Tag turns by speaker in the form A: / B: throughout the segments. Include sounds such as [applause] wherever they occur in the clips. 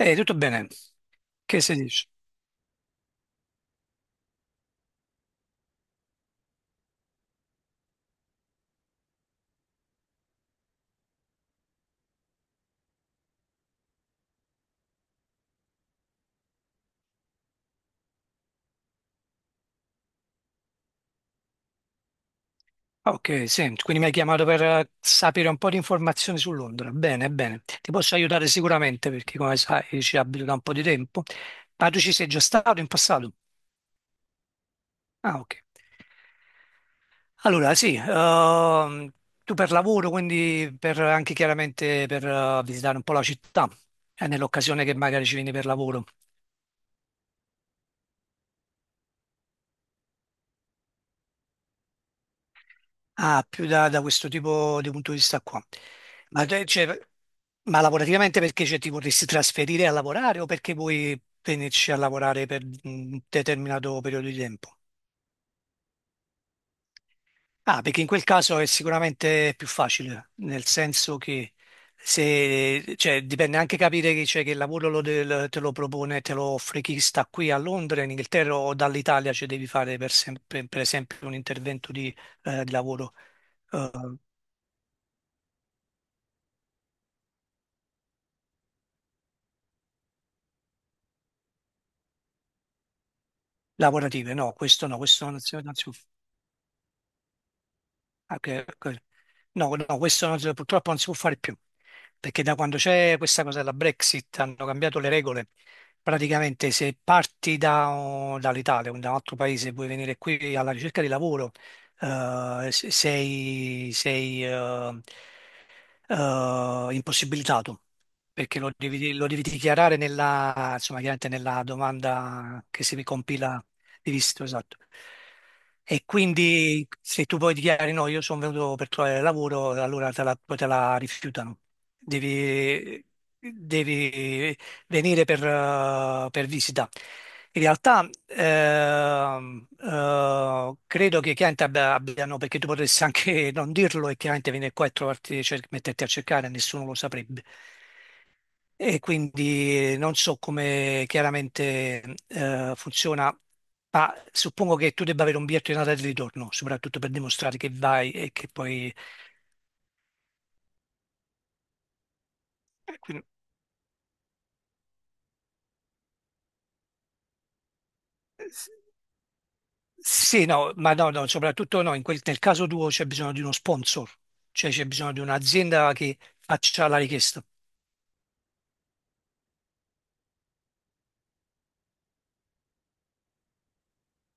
A: Ehi, tutto bene? Che si dice? Ok, senti, quindi mi hai chiamato per sapere un po' di informazioni su Londra. Bene, bene. Ti posso aiutare sicuramente perché, come sai, ci abito da un po' di tempo. Ma tu ci sei già stato in passato? Ah, ok. Allora, sì, tu per lavoro, quindi per anche chiaramente per visitare un po' la città, nell'occasione che magari ci vieni per lavoro. Ah, più da questo tipo di punto di vista qua. Cioè, ma lavorativamente perché cioè, ti vorresti trasferire a lavorare o perché vuoi venirci a lavorare per un determinato periodo di tempo? Ah, perché in quel caso è sicuramente più facile, nel senso che se, cioè, dipende anche capire che, cioè, che il lavoro te lo propone, te lo offre chi sta qui a Londra, in Inghilterra o dall'Italia, cioè devi fare per, per esempio un intervento di lavoro. Eh, lavorative. No, questo no, questo non si può ah, che- que- no, no, questo non si- purtroppo non si può fare più, perché da quando c'è questa cosa della Brexit hanno cambiato le regole. Praticamente se parti dall'Italia o da un altro paese e vuoi venire qui alla ricerca di lavoro, sei, impossibilitato, perché lo devi dichiarare nella, insomma, chiaramente nella domanda che si compila di visto, esatto. E quindi se tu poi dichiari no, io sono venuto per trovare lavoro, allora poi te la rifiutano. Devi, devi venire per visita. In realtà credo che chiaramente abbiano, perché tu potresti anche [laughs] non dirlo e chiaramente venire qua e trovarti, metterti a cercare, nessuno lo saprebbe. E quindi non so come chiaramente funziona, ma suppongo che tu debba avere un biglietto di andata e di ritorno, soprattutto per dimostrare che vai e che poi eh, quindi- sì, no, ma no, no, soprattutto no, nel caso tuo c'è bisogno di uno sponsor, cioè c'è bisogno di un'azienda che faccia la richiesta.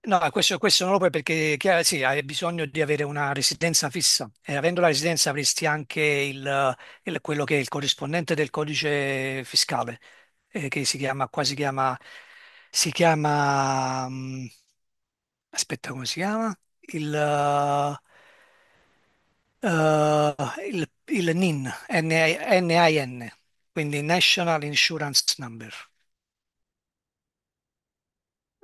A: No, questo non lo puoi perché chiaro, sì, hai bisogno di avere una residenza fissa e avendo la residenza avresti anche quello che è il corrispondente del codice fiscale, che si chiama, qua si chiama, aspetta come si chiama? Il, eh, il NIN, N-I-N, quindi National Insurance Number.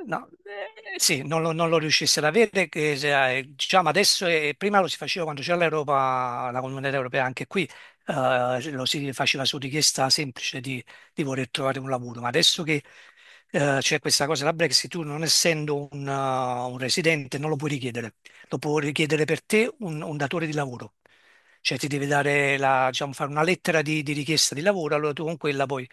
A: No, sì, non lo riuscisse ad avere, che se- diciamo adesso, prima lo si faceva quando c'era l'Europa, la Comunità Europea, anche qui lo si faceva su richiesta semplice di voler trovare un lavoro, ma adesso che c'è questa cosa, la Brexit, tu non essendo un residente non lo puoi richiedere, lo può richiedere per te un datore di lavoro. Cioè ti devi dare la, diciamo, fare una lettera di richiesta di lavoro, allora tu con quella poi,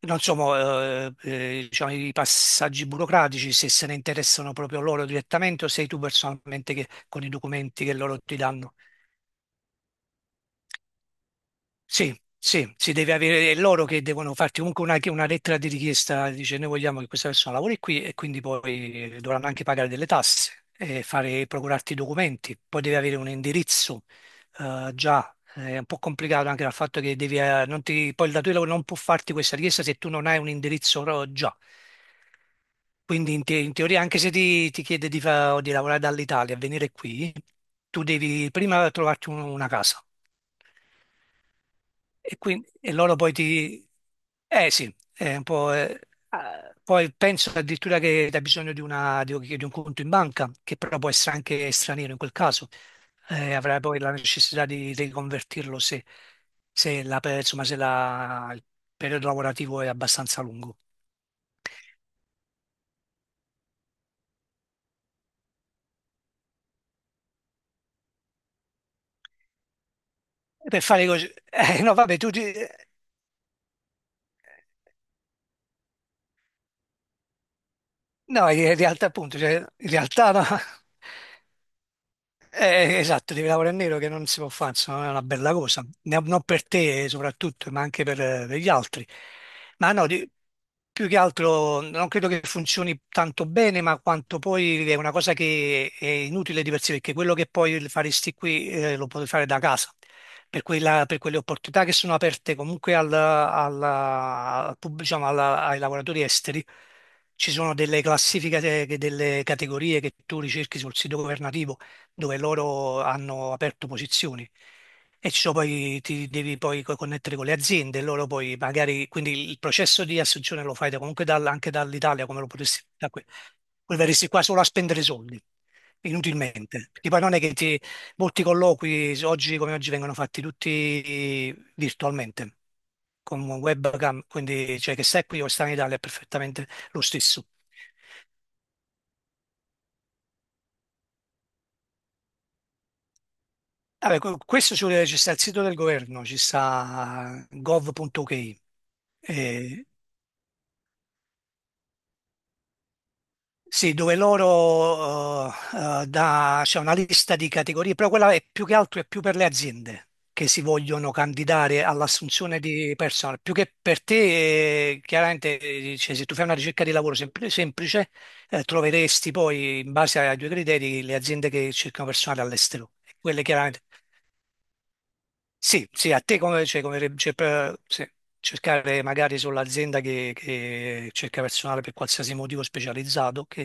A: non so, diciamo, i passaggi burocratici, se se ne interessano proprio loro direttamente o sei tu personalmente che, con i documenti che loro ti danno. Sì, sì, si deve avere, è loro che devono farti comunque una lettera di richiesta, dice noi vogliamo che questa persona lavori qui e quindi poi dovranno anche pagare delle tasse e fare, procurarti i documenti, poi devi avere un indirizzo è un po' complicato anche dal fatto che devi, non ti, poi il datore di lavoro non può farti questa richiesta se tu non hai un indirizzo già. Quindi in teoria anche se ti chiede di, di lavorare dall'Italia, venire qui, tu devi prima trovarti una casa. E, quindi, e loro poi ti... Eh sì, è un po'... ah, poi penso addirittura che hai bisogno di, un di un conto in banca, che però può essere anche straniero in quel caso. Avrai poi la necessità di riconvertirlo se, insomma, se la- il periodo lavorativo è abbastanza lungo. Per fare così... [laughs] no, vabbè, no, in realtà appunto, cioè, in realtà no. Esatto, devi lavorare in nero che non si può fare, insomma, è una bella cosa. Non per te soprattutto, ma anche per gli altri. Ma no, più che altro non credo che funzioni tanto bene, ma quanto poi è una cosa che è inutile di per sé, perché quello che poi faresti qui lo puoi fare da casa. Per, per quelle opportunità che sono aperte comunque al, alla- al pub- diciamo, ai lavoratori esteri, ci sono delle classifiche, delle categorie che tu ricerchi sul sito governativo dove loro hanno aperto posizioni. E ci sono poi, ti devi poi connettere con le aziende, loro poi magari, quindi il processo di assunzione lo fai comunque anche dall'Italia, come lo potresti da qui. Poi verresti qua solo a spendere soldi, inutilmente. Perché poi non è che ti, molti colloqui, oggi come oggi, vengono fatti tutti virtualmente, con webcam, quindi cioè che stai qui o stai in Italia è perfettamente lo stesso. Vabbè, questo ci sta il sito del governo, ci sta gov.uk, eh, sì, dove loro c'è una lista di categorie, però quella è più che altro è più per le aziende che si vogliono candidare all'assunzione di personal, più che per te, chiaramente, cioè, se tu fai una ricerca di lavoro semplice, troveresti poi, in base ai due criteri, le aziende che cercano personale all'estero, quelle chiaramente. Sì, sì, a te come, cioè, cioè, sì, cercare magari sull'azienda che cerca personale per qualsiasi motivo specializzato, che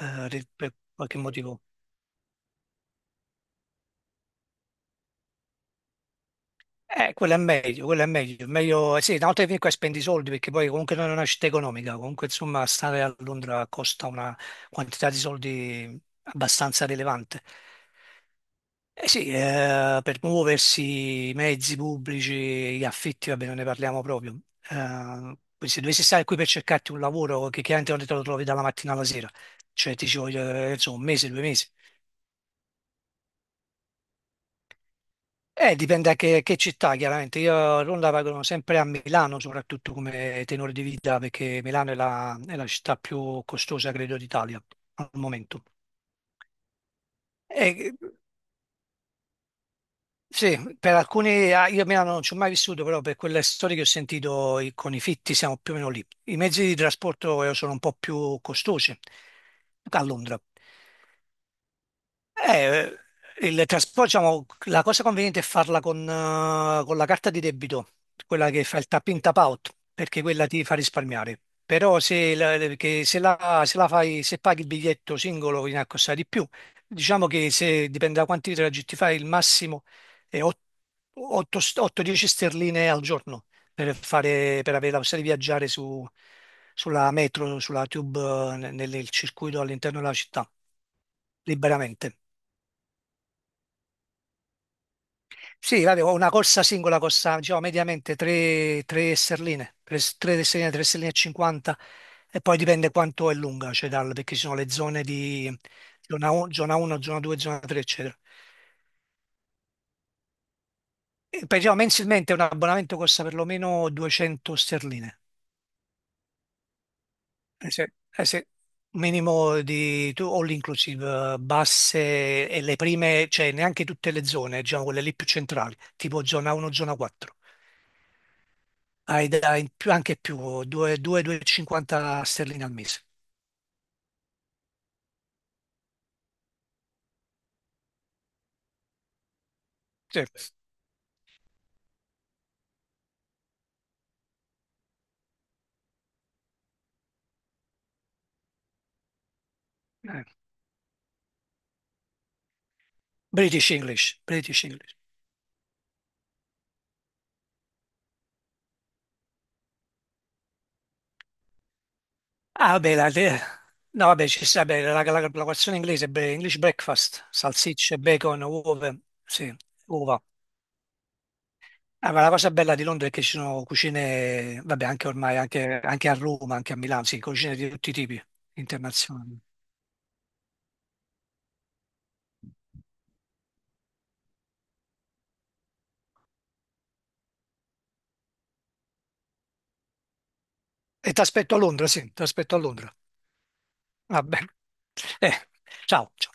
A: per qualche motivo. Quello è meglio, eh sì, una volta che vieni qua e spendi i soldi, perché poi comunque non è una città economica, comunque insomma stare a Londra costa una quantità di soldi abbastanza rilevante. Eh sì, per muoversi, i mezzi pubblici, gli affitti, vabbè, non ne parliamo proprio. Poi se dovessi stare qui per cercarti un lavoro, che chiaramente non te lo trovi dalla mattina alla sera, cioè ti ci voglio, insomma, un mese, due mesi. Dipende da che città, chiaramente. Io a Londra vado sempre a Milano, soprattutto come tenore di vita, perché Milano è la città più costosa, credo, d'Italia al momento. E sì, per alcuni, ah, io a Milano non ci ho mai vissuto, però per quelle storie che ho sentito con i fitti siamo più o meno lì. I mezzi di trasporto sono un po' più costosi a Londra. Eh, il trasporto, diciamo, la cosa conveniente è farla con la carta di debito, quella che fa il tap in tap out, perché quella ti fa risparmiare. Però se la fai, se paghi il biglietto singolo viene a costare di più. Diciamo che se dipende da quanti traghetti fai, il massimo è 8-10 sterline al giorno per fare, per avere la possibilità di viaggiare sulla metro, sulla tube, nel nel circuito all'interno della città, liberamente. Sì, vabbè, ho una corsa singola, costa, diciamo, mediamente 3, sterline, 3, sterline, 3 sterline e 50, e poi dipende quanto è lunga, cioè dal, perché ci sono le zone di zona 1, zona 1, zona 2, zona 3, eccetera. E, diciamo, mensilmente un abbonamento costa perlomeno 200 sterline, eh sì, eh sì. Minimo di all inclusive, basse e le prime, cioè neanche tutte le zone, diciamo quelle lì più centrali, tipo zona 1, zona 4. Hai anche più, 2,50 sterline al mese. Sì. British English, British English. Ah, vabbè, no, vabbè, ci sta, beh, la colazione inglese, beh, English breakfast, salsicce, bacon, uova, sì, uova. Ah, ma la cosa bella di Londra è che ci sono cucine, vabbè, anche ormai, anche a Roma, anche a Milano, sì, cucine di tutti i tipi, internazionali. E ti aspetto a Londra, sì, ti aspetto a Londra. Va bene. Eh, ciao. Ciao.